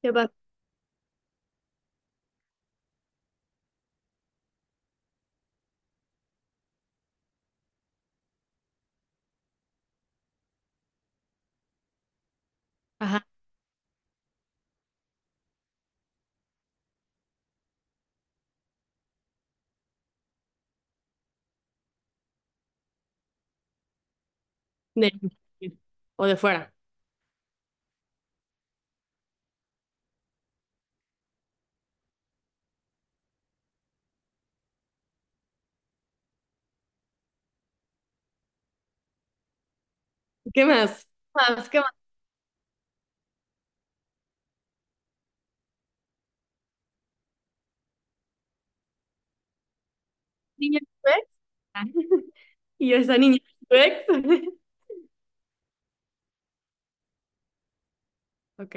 ¿Qué pasa? Ajá, de o de fuera. ¿Qué más? ¿Qué más? ¿Qué más? ¿Niña tu ex? Ah, Y yo, esa niña tu ex. Ok.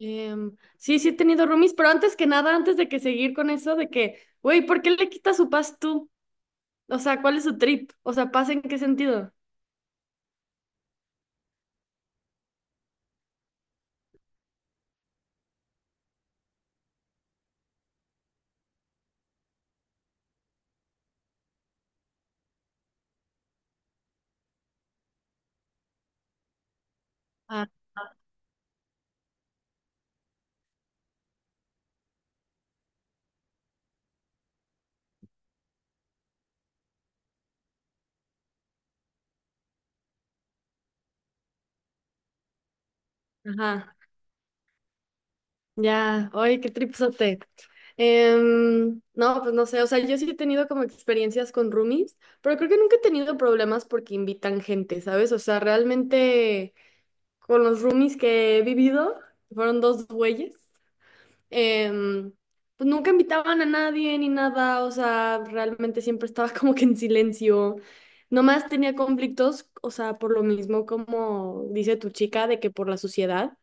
Sí, sí he tenido roomies, pero antes que nada, antes de que seguir con eso de que, güey, ¿por qué le quitas su paz tú? O sea, ¿cuál es su trip? O sea, ¿paz en qué sentido? Ah, ajá. Ya, oye, qué tripsote. No, pues no sé, o sea, yo sí he tenido como experiencias con roomies, pero creo que nunca he tenido problemas porque invitan gente, ¿sabes? O sea, realmente con los roomies que he vivido, fueron dos güeyes, em, pues nunca invitaban a nadie ni nada, o sea, realmente siempre estaba como que en silencio. Nomás tenía conflictos, o sea, por lo mismo, como dice tu chica, de que por la sociedad.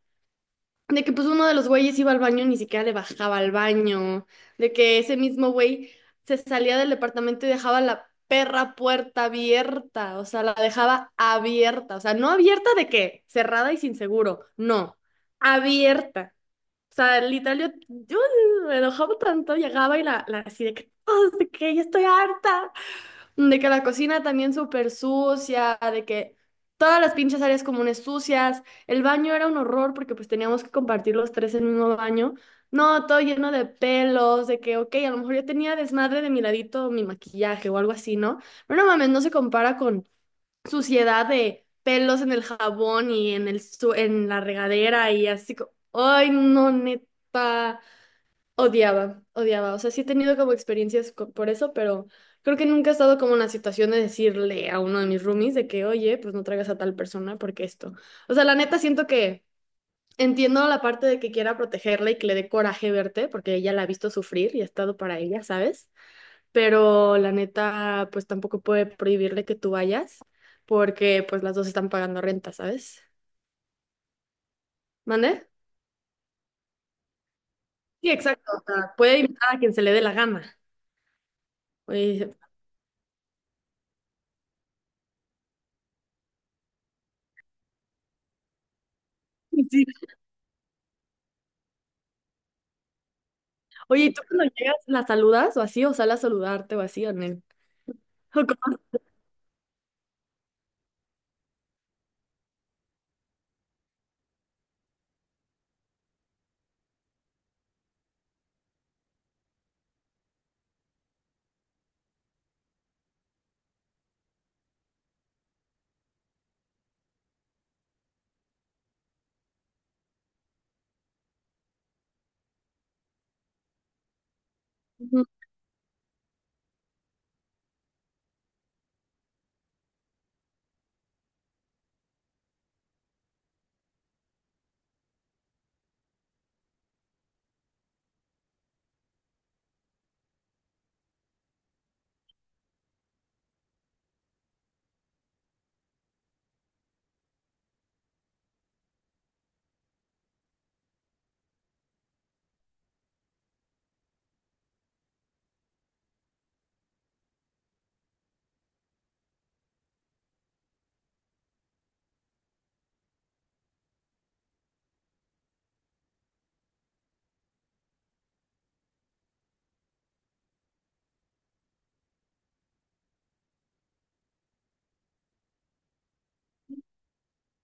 De que pues uno de los güeyes iba al baño y ni siquiera le bajaba al baño. De que ese mismo güey se salía del departamento y dejaba la perra puerta abierta. O sea, la dejaba abierta. O sea, no abierta de qué, cerrada y sin seguro. No, abierta. O sea, literal, yo me enojaba tanto, llegaba y la así de que, oh, de que ya estoy harta. De que la cocina también súper sucia, de que todas las pinches áreas comunes sucias, el baño era un horror porque pues teníamos que compartir los tres el mismo baño. No, todo lleno de pelos, de que, ok, a lo mejor yo tenía desmadre de mi ladito, mi maquillaje o algo así, ¿no? Pero no mames, no se compara con suciedad de pelos en el jabón y en el en la regadera y así. Ay, no, neta. Odiaba, odiaba. O sea, sí he tenido como experiencias por eso, pero creo que nunca he estado como en la situación de decirle a uno de mis roomies de que, oye, pues no traigas a tal persona porque esto. O sea, la neta siento que entiendo la parte de que quiera protegerla y que le dé coraje verte, porque ella la ha visto sufrir y ha estado para ella, ¿sabes? Pero la neta, pues tampoco puede prohibirle que tú vayas, porque pues las dos están pagando renta, ¿sabes? ¿Mande? Sí, exacto. O sea, puede invitar a quien se le dé la gana. Oye, Oye, ¿y tú cuando llegas, la saludas o así, o sale a saludarte o así, Anel?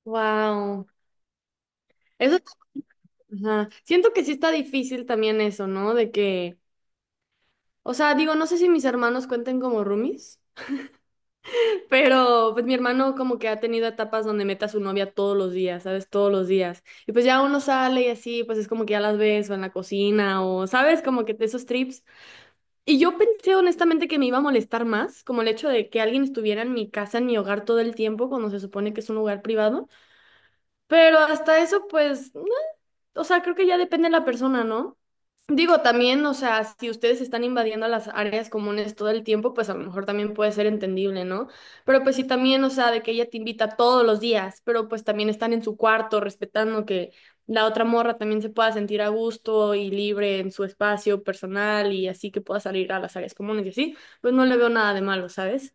Wow. Eso, es- ajá. Siento que sí está difícil también eso, ¿no? De que, o sea, digo, no sé si mis hermanos cuenten como roomies, pero pues mi hermano como que ha tenido etapas donde mete a su novia todos los días, ¿sabes? Todos los días. Y pues ya uno sale y así, pues es como que ya las ves o en la cocina o, ¿sabes? Como que esos trips. Y yo pensé honestamente que me iba a molestar más, como el hecho de que alguien estuviera en mi casa, en mi hogar todo el tiempo, cuando se supone que es un lugar privado. Pero hasta eso, pues, no, o sea, creo que ya depende de la persona, ¿no? Digo, también, o sea, si ustedes están invadiendo las áreas comunes todo el tiempo, pues a lo mejor también puede ser entendible, ¿no? Pero pues sí también, o sea, de que ella te invita todos los días, pero pues también están en su cuarto respetando que la otra morra también se pueda sentir a gusto y libre en su espacio personal y así que pueda salir a las áreas comunes y así, pues no le veo nada de malo, ¿sabes?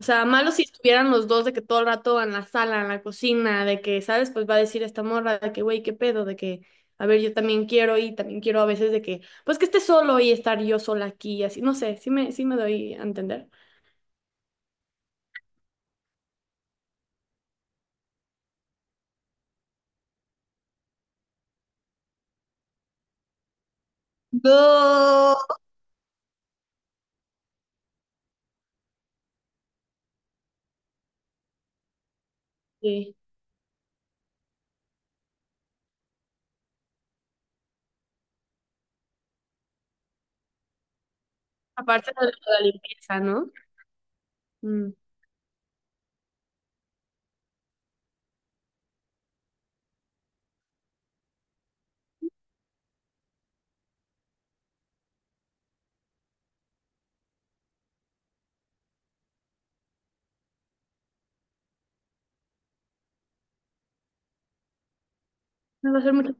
O sea, malo si estuvieran los dos de que todo el rato en la sala, en la cocina, de que, ¿sabes? Pues va a decir esta morra de que, güey, qué pedo, de que, a ver, yo también quiero y también quiero a veces de que, pues que esté solo y estar yo sola aquí y así, no sé, sí me doy a entender. No. Sí. Aparte de lo de la limpieza, ¿no? Mm, no va a ser mucho.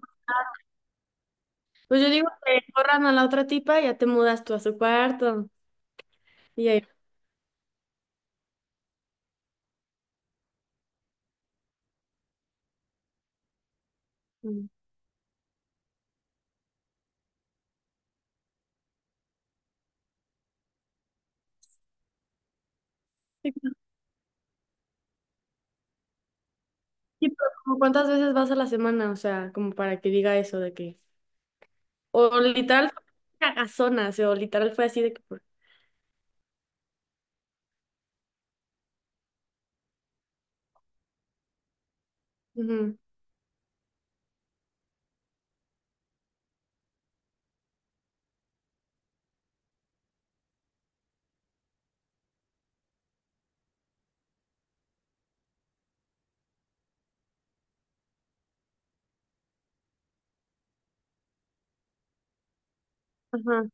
Pues yo digo que corran a la otra tipa y ya te mudas tú a su cuarto. Y ahí. Mm. Sí, pero como ¿cuántas veces vas a la semana? O sea, como para que diga eso de que. O literal fue una cagazona, o sea, o literal fue así de que... Ujú, ajá.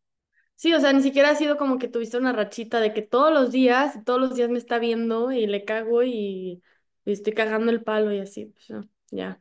Sí, o sea, ni siquiera ha sido como que tuviste una rachita de que todos los días me está viendo y le cago y estoy cagando el palo y así, pues no, ya.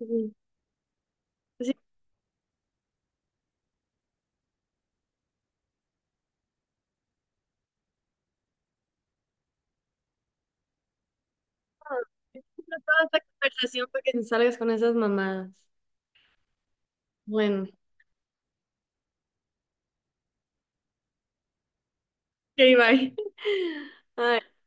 Ujú. Sí, no, no, no, toda esta conversación para que te salgas con esas mamadas. Bueno, ok, bye. Ay.